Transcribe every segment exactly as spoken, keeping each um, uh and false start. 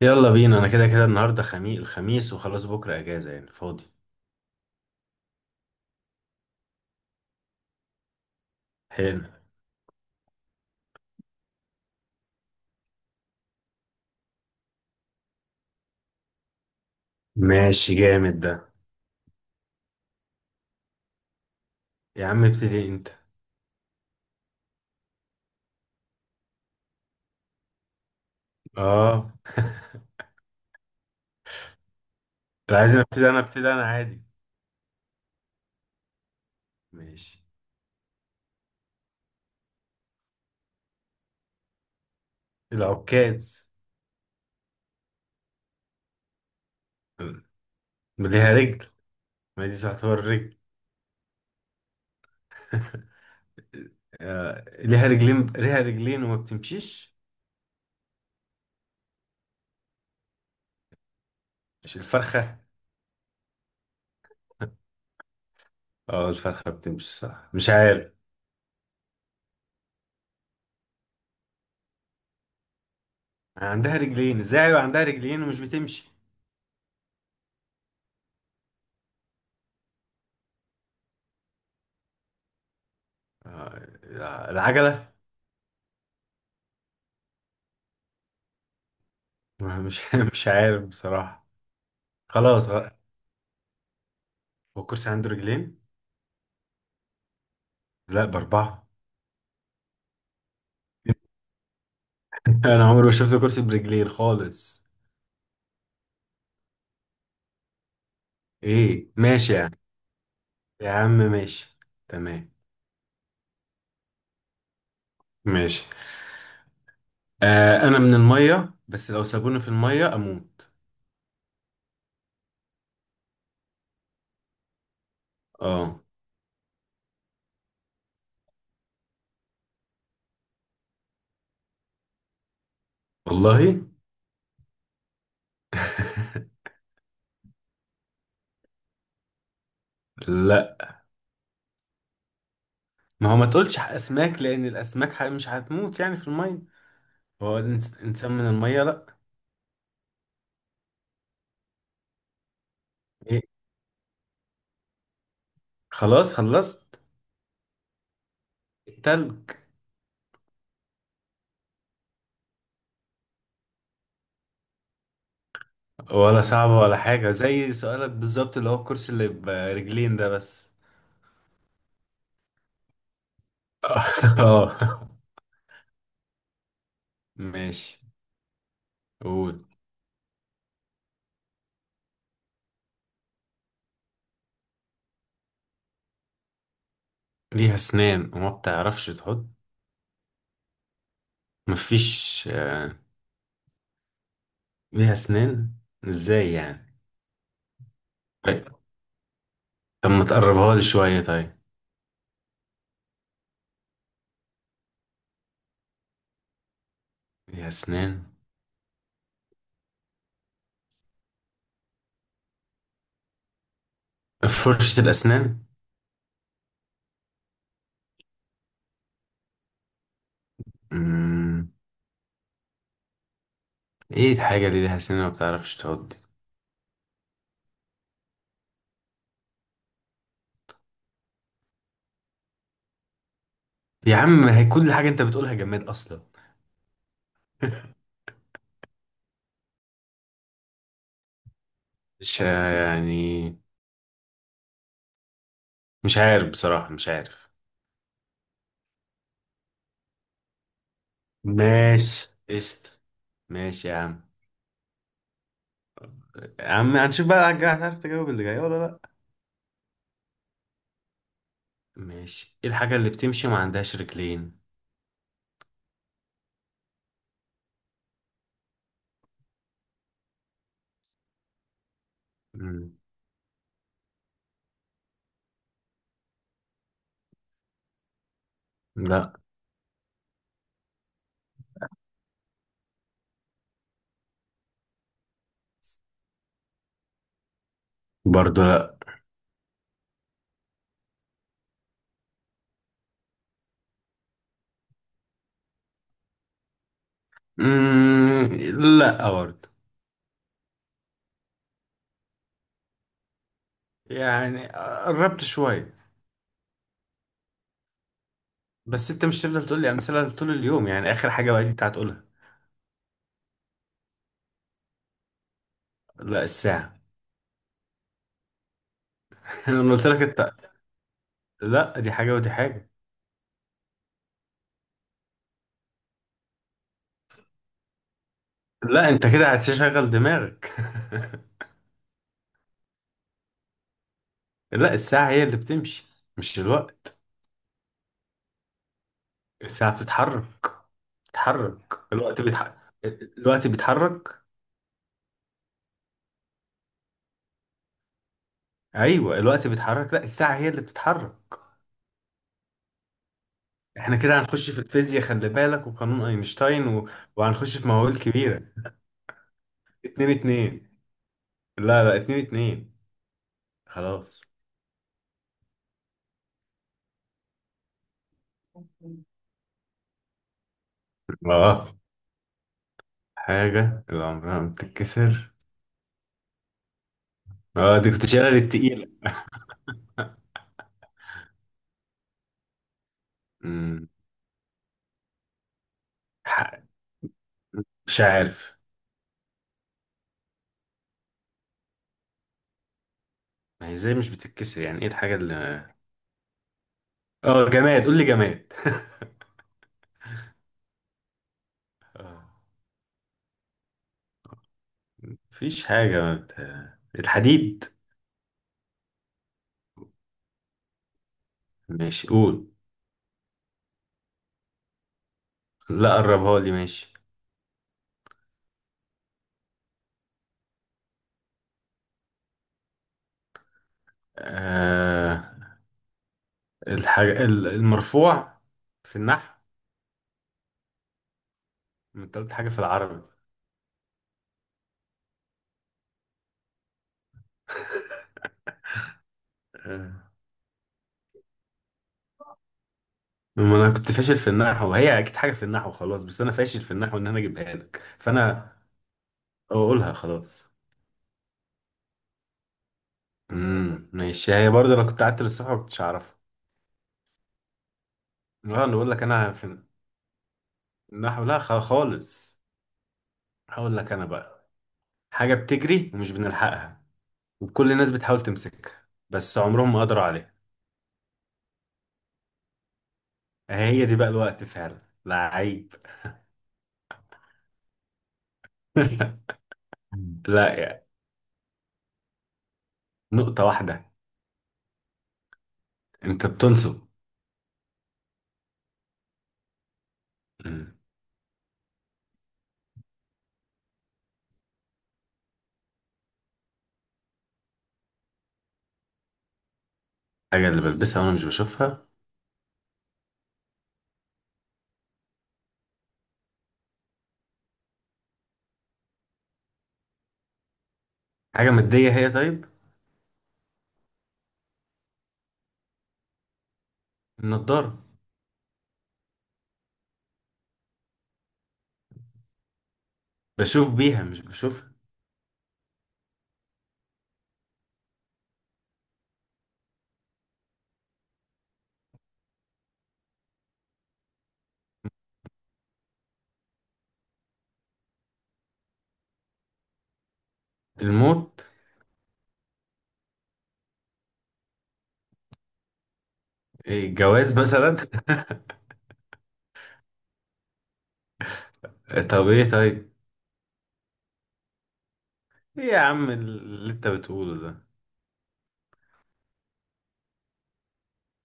يلا بينا. انا كده كده، النهارده خميس. الخميس وخلاص بكره اجازه، يعني فاضي. حلو. ماشي، جامد ده. يا عم، ابتدي انت. اه. لو عايز ابتدي انا، ابتدي انا عادي. ماشي. العكاز. ليها رجل. ما دي تعتبر رجل. آه. ليها رجلين، ليها رجلين وما بتمشيش. مش الفرخه؟ اه، الفرخه بتمشي. صح، مش عارف. عندها رجلين ازاي؟ أيوة عندها رجلين ومش بتمشي. آه. العجله. مش مش عارف بصراحه. خلاص. هو الكرسي عنده رجلين؟ لا، بأربعة. أنا عمري ما شفت كرسي برجلين خالص. إيه، ماشي يعني. يا عم ماشي. تمام. ماشي. آه، أنا من المية بس لو سابوني في المية أموت. آه. والله. لا، ما هو ما تقولش أسماك لأن الأسماك ح- مش هتموت يعني في المية. هو الإنس- إنسان من المية، لا. إيه. خلاص، خلصت. التلج. ولا صعبة ولا حاجة، زي سؤالك بالظبط اللي هو الكرسي اللي برجلين ده بس. اه. ماشي، قول. ليها اسنان وما بتعرفش تحط؟ مفيش. آه، ليها اسنان. ازاي يعني؟ طيب، طب ما تقربها لي شوية طيب. ليها اسنان. فرشة الاسنان. مم. ايه الحاجة اللي ليها اسنان وما بتعرفش تحط؟ يا عم، هي كل حاجة انت بتقولها جماد اصلا. مش آه، يعني. مش عارف بصراحة، مش عارف. ماشي، قشطة. ماشي يا عم. يا عم، هنشوف بقى هتعرف تجاوب اللي جاي ولا لا. ماشي. ايه الحاجة اللي بتمشي وما عندهاش رجلين؟ مم. لا. برضو لا. مم. لا برضو. يعني قربت شوية. بس انت مش تفضل تقول لي امثلة طول اليوم، يعني اخر حاجة بقى دي بتاعت تقولها. لا، الساعة. انا قلت لك انت. لا، دي حاجة ودي حاجة. لا، انت كده هتشغل دماغك. لا، الساعة هي اللي بتمشي، مش الوقت. الساعة بتتحرك. بتتحرك، الوقت بيتحرك. الوقت بيتحرك. ايوه الوقت بيتحرك، لا الساعه هي اللي بتتحرك. احنا كده هنخش في الفيزياء، خلي بالك، وقانون اينشتاين و. وهنخش في مواويل كبيره. اتنين اتنين. لا، لا، اتنين اتنين. خلاص. اه، حاجه اللي عمرها ما بتتكسر. اه، دي كنت شايلها للتقيله. أمم، ح- مش عارف. ما هي ازاي مش بتتكسر، يعني ايه الحاجه اللي. اه جماد، قول لي جماد. آه، مفيش حاجه ما بت- الحديد. ماشي، قول. لا، قربها لي ماشي. آه... الحاجة ال- المرفوع في النحو. ما انت قلت حاجة في العربي. آه. ما انا كنت فاشل في النحو، هي اكيد حاجة في النحو خلاص، بس انا فاشل في النحو ان انا اجيبها لك، فانا. اقولها خلاص. امم ماشي، هي برضه انا كنت قعدت للصبح ما كنتش اعرفها. لا، انا بقول لك انا في النحو، لا خ- خالص. هقول لك انا بقى. حاجة بتجري ومش بنلحقها. وكل الناس بتحاول تمسكها بس عمرهم ما قدروا عليها. هي دي بقى الوقت فعلا. لعيب. لا يعني، نقطة واحدة. انت بتنصب. مم. حاجة اللي بلبسها وانا مش بشوفها؟ حاجة مادية هي طيب؟ النضارة. بشوف بيها، مش بشوفها. الموت. إيه، الجواز مثلا. طب ايه طيب؟ ايه يا عم اللي انت بتقوله ده؟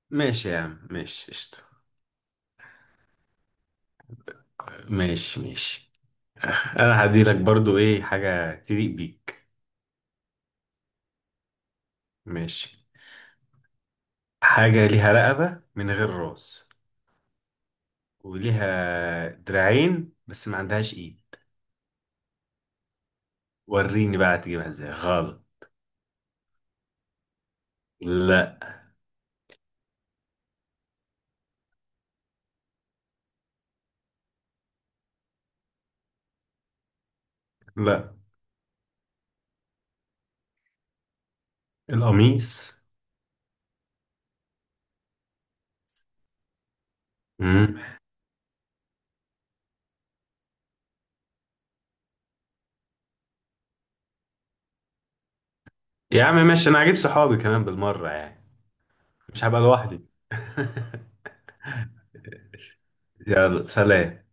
ماشي يا عم، ماشي قشطة. ماشي، ماشي. انا هديلك برضو ايه حاجة تليق بيك. ماشي. حاجة ليها رقبة من غير راس، وليها دراعين بس ما عندهاش ايد. وريني بقى هتجيبها ازاي. غلط. لا. لا. القميص. امم. يا عم ماشي، انا هجيب صحابي كمان بالمرة يعني. مش هبقى لوحدي. يلا، سلام.